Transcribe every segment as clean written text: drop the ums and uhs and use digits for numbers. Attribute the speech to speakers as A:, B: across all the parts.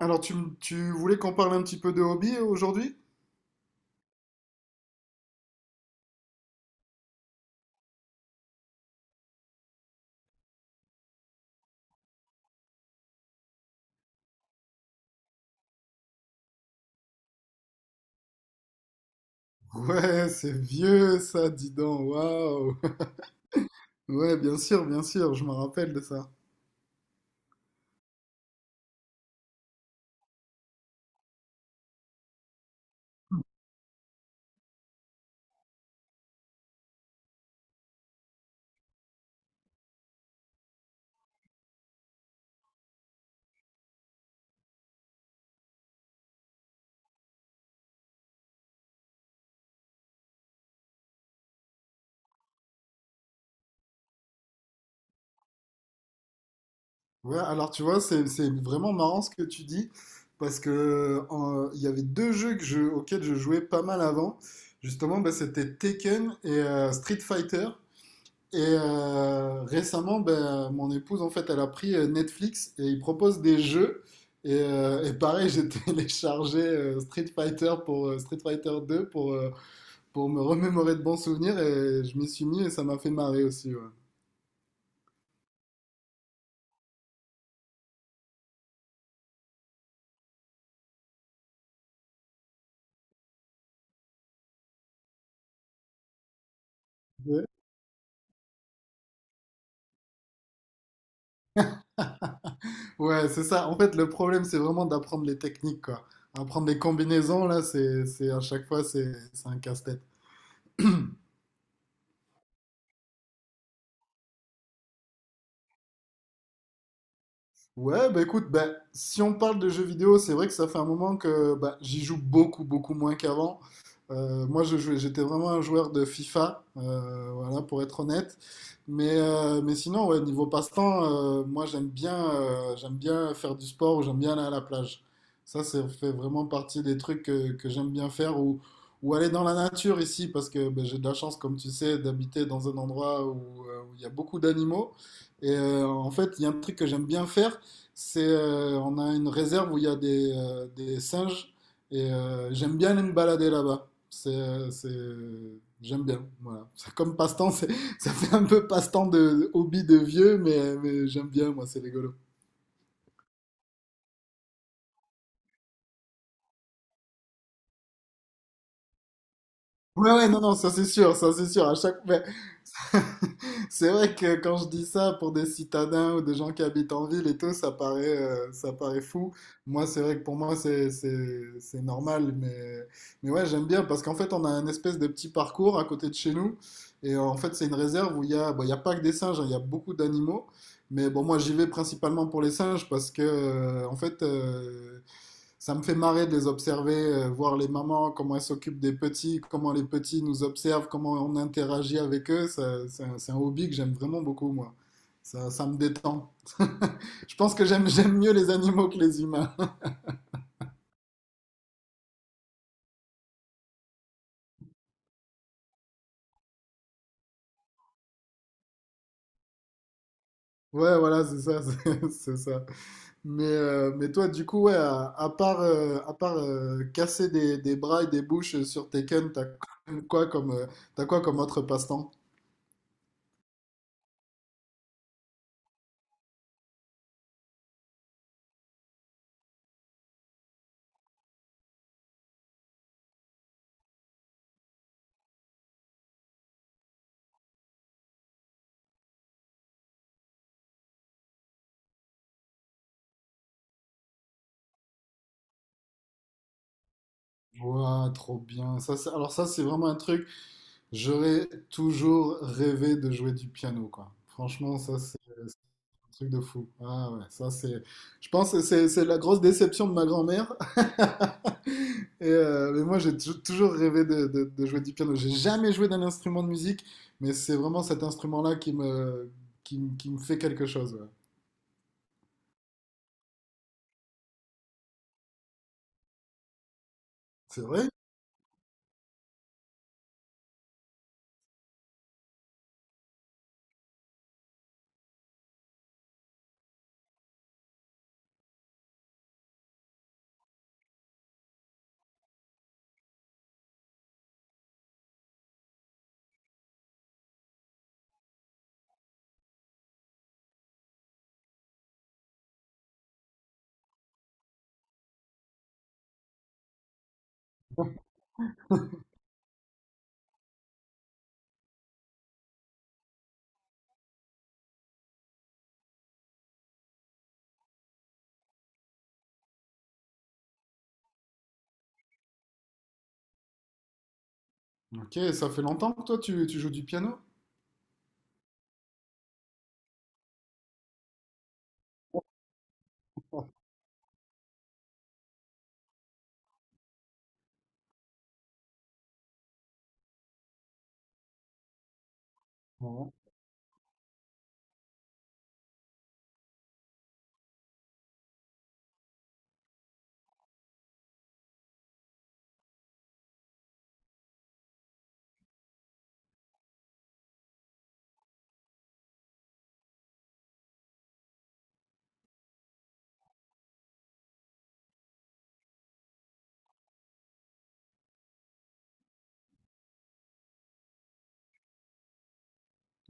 A: Alors, tu voulais qu'on parle un petit peu de hobby aujourd'hui? Ouais, c'est vieux ça, dis donc, waouh! Ouais, bien sûr, je me rappelle de ça. Ouais, alors tu vois, c'est vraiment marrant ce que tu dis, parce que il y avait deux jeux auxquels je jouais pas mal avant. Justement, bah, c'était Tekken et Street Fighter. Et récemment, ben, mon épouse, en fait, elle a pris Netflix et ils proposent des jeux. Et pareil, j'ai téléchargé Street Fighter pour Street Fighter 2 pour me remémorer de bons souvenirs et je m'y suis mis et ça m'a fait marrer aussi. Ouais, ouais, ouais, c'est ça. En fait, le problème, c'est vraiment d'apprendre les techniques, quoi. Apprendre des combinaisons, là, c'est à chaque fois, c'est un casse-tête. Ouais, bah écoute, bah, si on parle de jeux vidéo, c'est vrai que ça fait un moment que bah, j'y joue beaucoup, beaucoup moins qu'avant. Moi, j'étais vraiment un joueur de FIFA, voilà, pour être honnête. Mais sinon, ouais, niveau passe-temps, moi, j'aime bien faire du sport ou j'aime bien aller à la plage. Ça fait vraiment partie des trucs que j'aime bien faire ou aller dans la nature ici, parce que bah, j'ai de la chance, comme tu sais, d'habiter dans un endroit où où il y a beaucoup d'animaux. Et en fait, il y a un truc que j'aime bien faire, on a une réserve où il y a des singes et j'aime bien aller me balader là-bas. J'aime bien. Voilà. C'est comme passe-temps, ça fait un peu passe-temps de hobby de vieux, mais j'aime bien, moi, c'est rigolo. Ouais, ouais, non, non, ça c'est sûr, ça c'est sûr. C'est vrai que quand je dis ça pour des citadins ou des gens qui habitent en ville et tout, ça paraît fou. Moi, c'est vrai que pour moi, c'est normal. Mais ouais, j'aime bien parce qu'en fait, on a un espèce de petit parcours à côté de chez nous. Et en fait, c'est une réserve où il y a, bon, il y a pas que des singes, hein, il y a beaucoup d'animaux. Mais bon, moi, j'y vais principalement pour les singes parce que, en fait, ça me fait marrer de les observer, voir les mamans, comment elles s'occupent des petits, comment les petits nous observent, comment on interagit avec eux. C'est c'est un hobby que j'aime vraiment beaucoup, moi. Ça me détend. Je pense que j'aime mieux les animaux que les humains. Ouais, voilà, c'est ça, c'est ça. Mais toi, du coup, ouais, à part, casser des bras et des bouches sur Tekken, quoi comme, euh, t'as quoi comme autre passe-temps? Ouah, trop bien. Alors ça, c'est vraiment un truc. J'aurais toujours rêvé de jouer du piano, quoi. Franchement, ça, c'est... Truc de fou. Ah ouais, ça c'est. Je pense que c'est la grosse déception de ma grand-mère. Et, mais moi toujours rêvé de jouer du piano. J'ai jamais joué d'un instrument de musique, mais c'est vraiment cet instrument-là qui me fait quelque chose. Ouais. C'est vrai? Ok, ça fait longtemps que toi tu joues du piano? Ouais.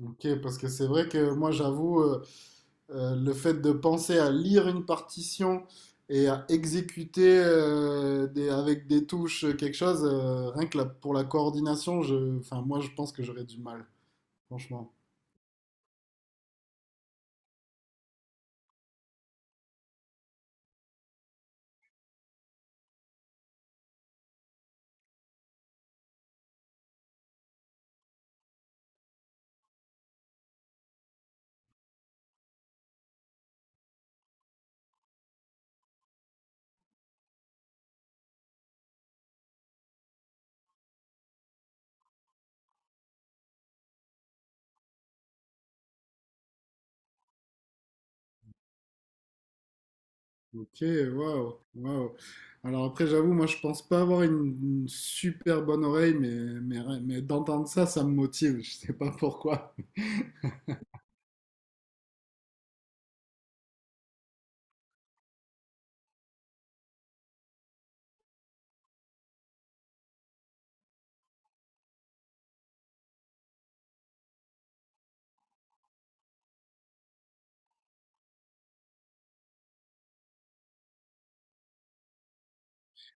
A: Ok, parce que c'est vrai que moi j'avoue. Le fait de penser à lire une partition et à exécuter avec des touches quelque chose, rien que la- pour la coordination, enfin, moi je pense que j'aurais du mal, franchement. Ok, waouh, waouh. Alors après, j'avoue, moi je pense pas avoir une super bonne oreille, mais d'entendre ça, ça me motive, je sais pas pourquoi.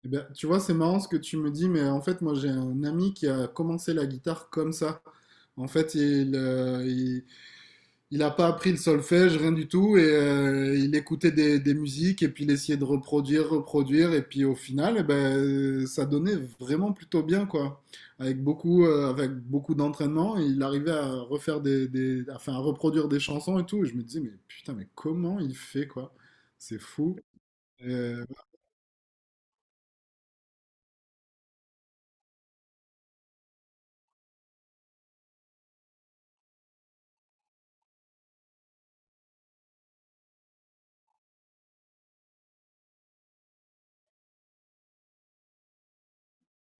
A: Eh ben, tu vois, c'est marrant ce que tu me dis, mais en fait, moi j'ai un ami qui a commencé la guitare comme ça. En fait, il n'a pas appris le solfège, rien du tout, et il écoutait des musiques, et puis il essayait de reproduire, et puis au final, eh ben, ça donnait vraiment plutôt bien, quoi. Avec beaucoup d'entraînement, il arrivait à enfin, à reproduire des chansons et tout, et je me disais, mais putain, mais comment il fait, quoi? C'est fou. Euh,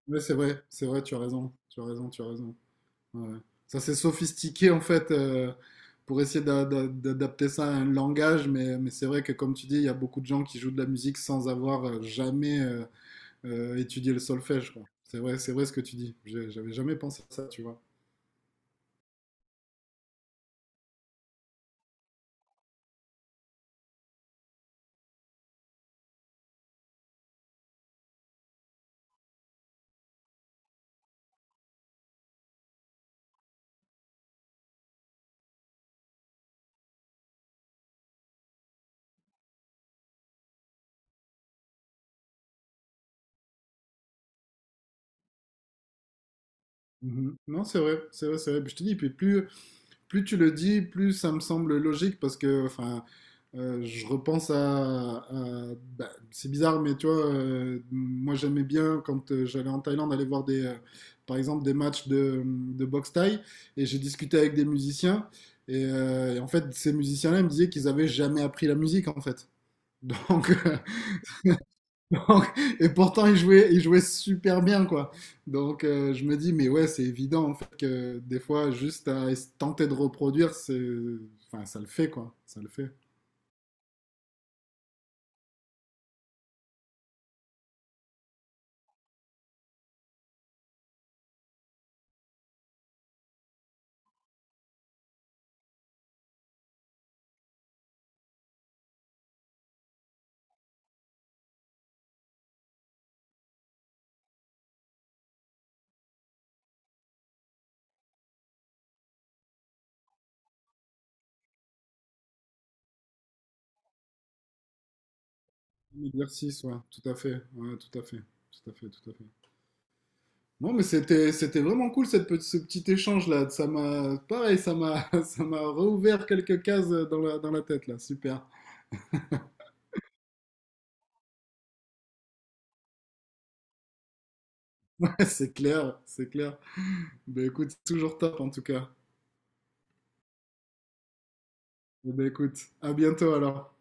A: ouais, c'est vrai, tu as raison, tu as raison, tu as raison. Ouais. Ça, c'est sophistiqué en fait pour essayer d'adapter ça à un langage, mais c'est vrai que comme tu dis, il y a beaucoup de gens qui jouent de la musique sans avoir jamais étudié le solfège, quoi. C'est vrai ce que tu dis. J'avais jamais pensé à ça, tu vois. Mhm. Non, c'est vrai, c'est vrai, c'est vrai. Puis je te dis, puis plus, plus tu le dis, plus ça me semble logique parce que, enfin, je repense bah, c'est bizarre, mais tu vois, moi j'aimais bien quand j'allais en Thaïlande aller voir par exemple, des matchs de boxe thaï et j'ai discuté avec des musiciens. Et en fait, ces musiciens-là ils me disaient qu'ils avaient jamais appris la musique en fait. Donc, donc, et pourtant, il jouait super bien, quoi. Donc, je me dis, mais ouais, c'est évident, en fait, que des fois, juste tenter de reproduire, c'est, enfin, ça le fait, quoi. Ça le fait. Un exercice, ouais, tout à fait, ouais, tout à fait, tout à fait, tout à fait. Non, mais c'était vraiment cool, ce petit échange-là. Ça m'a, pareil, ça m'a, ça m'a rouvert quelques cases dans dans la tête, là. Super. Ouais, c'est clair, c'est clair. Ben, écoute, toujours top, en tout cas. Eh ben, écoute, à bientôt, alors.